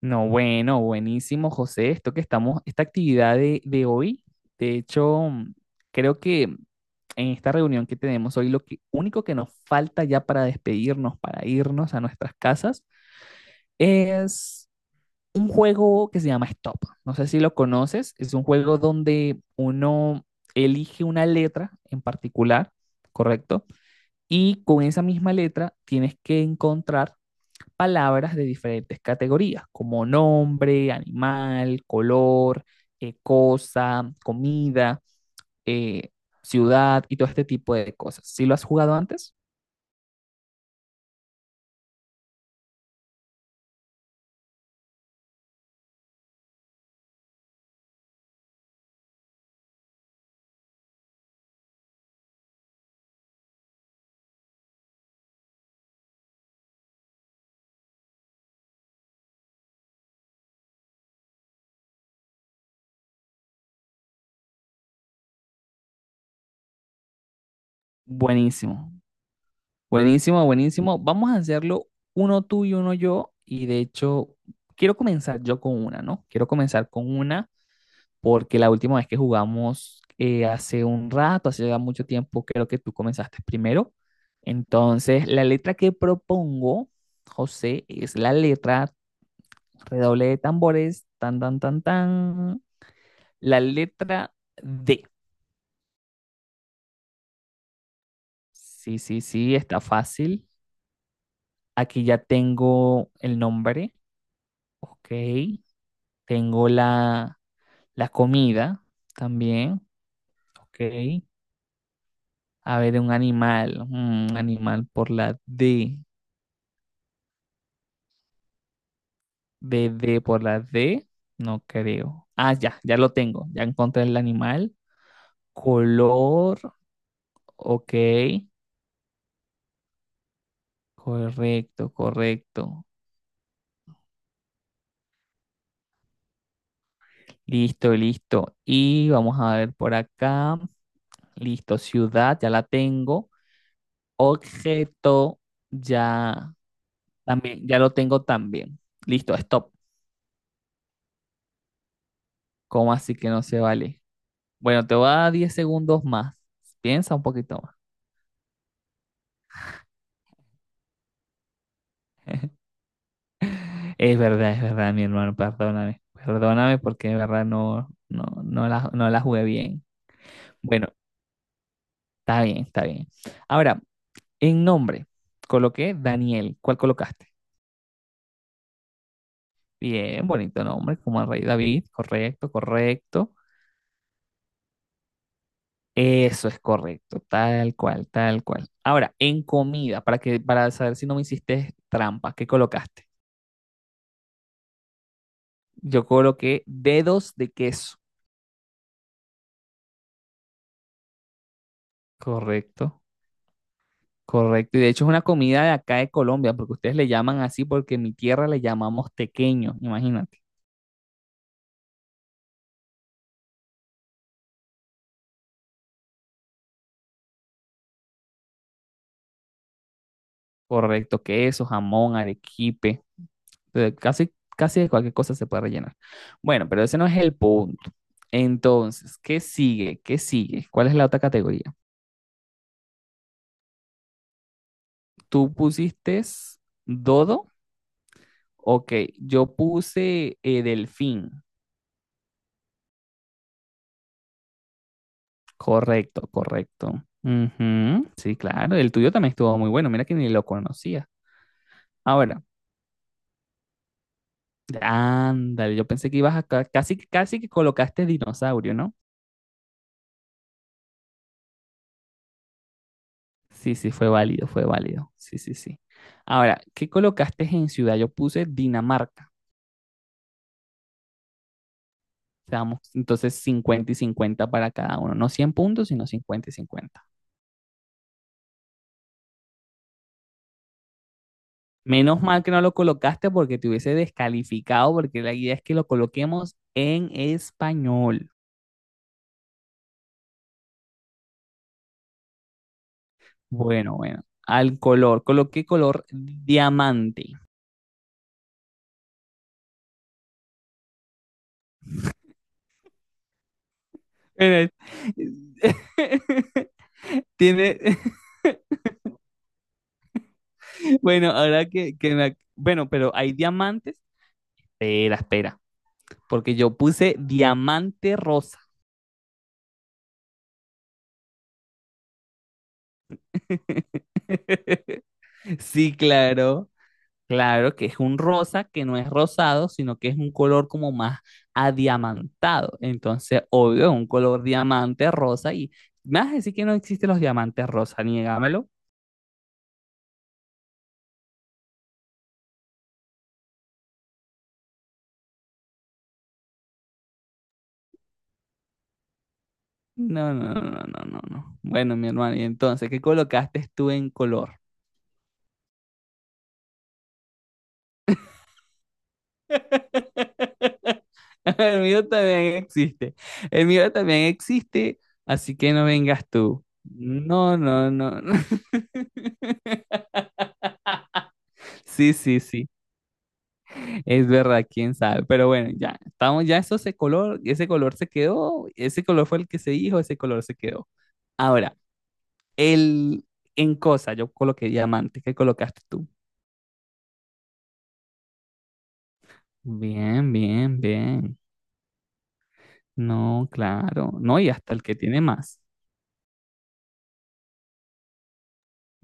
No, bueno, buenísimo, José. Esta actividad de hoy, de hecho, creo que en esta reunión que tenemos hoy, único que nos falta ya para despedirnos, para irnos a nuestras casas, es un juego que se llama Stop. No sé si lo conoces. Es un juego donde uno elige una letra en particular, ¿correcto? Y con esa misma letra tienes que encontrar palabras de diferentes categorías, como nombre, animal, color, cosa, comida, eh, ciudad y todo este tipo de cosas. ¿Si lo has jugado antes? Buenísimo, buenísimo, buenísimo. Vamos a hacerlo uno tú y uno yo. Y de hecho, quiero comenzar yo con una, ¿no? Quiero comenzar con una porque la última vez que jugamos hace un rato, hace ya mucho tiempo, creo que tú comenzaste primero. Entonces, la letra que propongo, José, es la letra, redoble de tambores, tan, tan, tan, tan, la letra D. Sí, sí, sí, está fácil. Aquí ya tengo el nombre, ok. Tengo la comida también, ok. A ver, un animal, un animal por la D. BD por la D, no creo. Ah, ya, ya lo tengo. Ya encontré el animal. Color, ok. Correcto, correcto. Listo, listo. Y vamos a ver por acá. Listo, ciudad, ya la tengo. Objeto, ya también, ya lo tengo también. Listo, stop. ¿Cómo así que no se vale? Bueno, te voy a dar 10 segundos más. Piensa un poquito más. Es verdad, mi hermano, perdóname. Perdóname porque de verdad no la jugué bien. Bueno, está bien, está bien. Ahora, en nombre, coloqué Daniel. ¿Cuál colocaste? Bien, bonito nombre, como el rey David. Correcto, correcto. Eso es correcto, tal cual, tal cual. Ahora, en comida, para saber si no me hiciste trampa, ¿qué colocaste? Yo coloqué dedos de queso. Correcto. Correcto, y de hecho es una comida de acá de Colombia, porque ustedes le llaman así, porque en mi tierra le llamamos tequeño, imagínate. Correcto, queso, jamón, arequipe, casi, casi de cualquier cosa se puede rellenar. Bueno, pero ese no es el punto. Entonces, ¿qué sigue? ¿Qué sigue? ¿Cuál es la otra categoría? Tú pusiste dodo, ok, yo puse delfín, correcto, correcto. Ujú. Sí, claro, el tuyo también estuvo muy bueno, mira que ni lo conocía. Ahora, ándale, yo pensé que ibas a casi, casi que colocaste dinosaurio, ¿no? Sí, sí, fue válido, fue válido. Sí, sí, sí. Ahora, ¿qué colocaste en ciudad? Yo puse Dinamarca. Seamos entonces 50 y 50 para cada uno. No 100 puntos, sino 50 y 50. Menos mal que no lo colocaste porque te hubiese descalificado, porque la idea es que lo coloquemos en español. Bueno, bueno. Al color, coloqué color diamante. Mira, tiene, bueno, ahora que, bueno, pero hay diamantes. Espera, espera, porque yo puse diamante rosa. Sí, claro, claro que es un rosa que no es rosado, sino que es un color como más adiamantado. Entonces, obvio, es un color diamante rosa y me vas a decir que no existen los diamantes rosa, niégamelo. No, no, no, no, no, no. Bueno, mi hermano, y entonces, ¿qué colocaste tú en color? El mío también existe. El mío también existe, así que no vengas tú. No, no, no. No. Sí, sí, sí. Es verdad, quién sabe. Pero bueno, ya estamos, ese color se quedó, ese color fue el que se dijo, ese color se quedó. Ahora, el en cosa, yo coloqué diamante, ¿qué colocaste tú? Bien, bien, bien. No, claro. No, y hasta el que tiene más.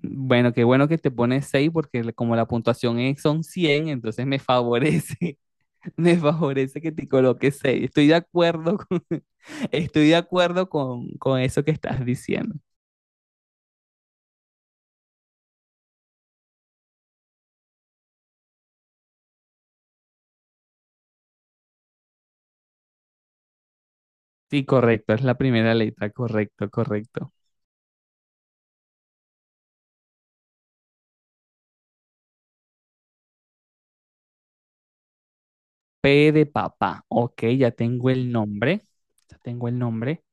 Bueno, qué bueno que te pones 6 porque como la puntuación es, son 100, entonces me favorece, me favorece que te coloques 6. Estoy de acuerdo con, estoy de acuerdo con eso que estás diciendo. Sí, correcto, es la primera letra, correcto, correcto. P de papá, ok, ya tengo el nombre, ya tengo el nombre.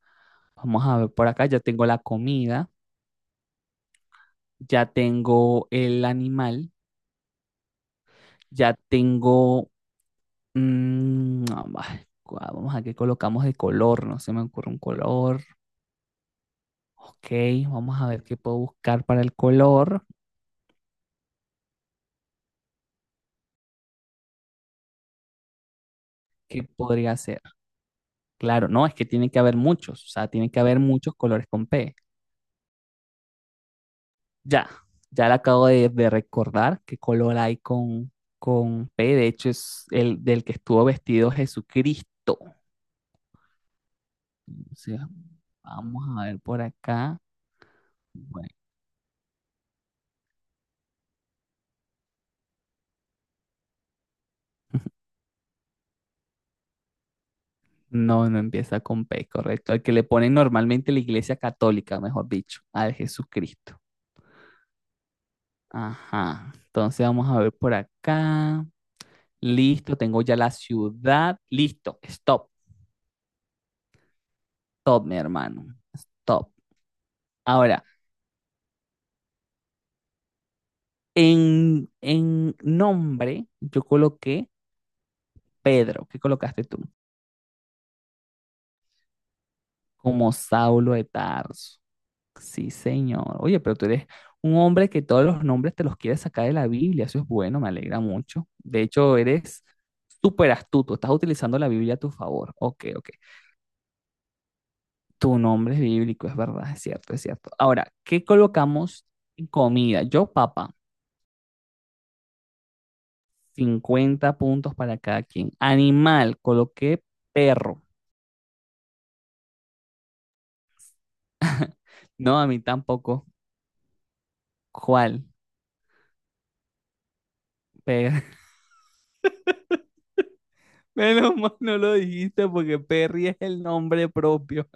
Vamos a ver por acá, ya tengo la comida, ya tengo el animal, ya tengo, no, va, vamos a qué colocamos de color. No se me ocurre un color. Ok, vamos a ver qué puedo buscar para el color. ¿Qué podría ser? Claro, no, es que tiene que haber muchos. O sea, tiene que haber muchos colores con P. Ya, ya le acabo de recordar qué color hay con P. De hecho, es el del que estuvo vestido Jesucristo. O sea, vamos a ver por acá. No, no empieza con P, correcto. El que le ponen normalmente la iglesia católica, mejor dicho, al Jesucristo. Ajá. Entonces vamos a ver por acá. Listo, tengo ya la ciudad. Listo, stop, stop, mi hermano. Stop. Ahora, en nombre, yo coloqué Pedro. ¿Qué colocaste tú? Como Saulo de Tarso. Sí, señor. Oye, pero tú eres un hombre que todos los nombres te los quieres sacar de la Biblia. Eso es bueno, me alegra mucho. De hecho, eres súper astuto. Estás utilizando la Biblia a tu favor. Ok, ok. Tu nombre es bíblico, es verdad, es cierto, es cierto. Ahora, ¿qué colocamos en comida? Yo, papa, 50 puntos para cada quien. Animal, coloqué perro. No, a mí tampoco. ¿Cuál? Per- menos mal no lo dijiste porque Perry es el nombre propio.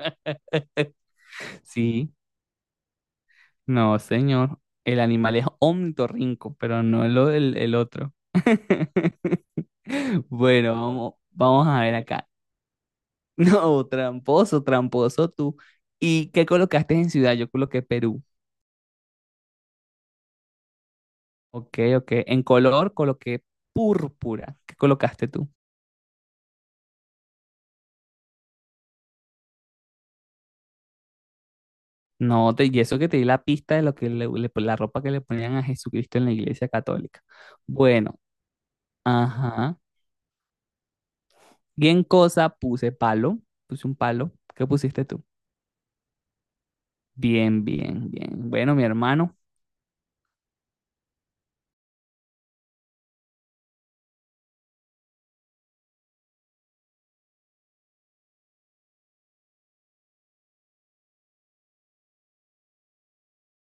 Sí, no, señor. El animal es ornitorrinco, pero no lo del el otro. Bueno, vamos, vamos a ver acá. No, tramposo, tramposo tú. ¿Y qué colocaste en ciudad? Yo coloqué Perú. Ok, ok. En color coloqué púrpura. ¿Qué colocaste tú? No, te, y eso que te di la pista de lo que la ropa que le ponían a Jesucristo en la iglesia católica. Bueno, ajá. Bien cosa puse palo. Puse un palo. ¿Qué pusiste tú? Bien, bien, bien. Bueno, mi hermano,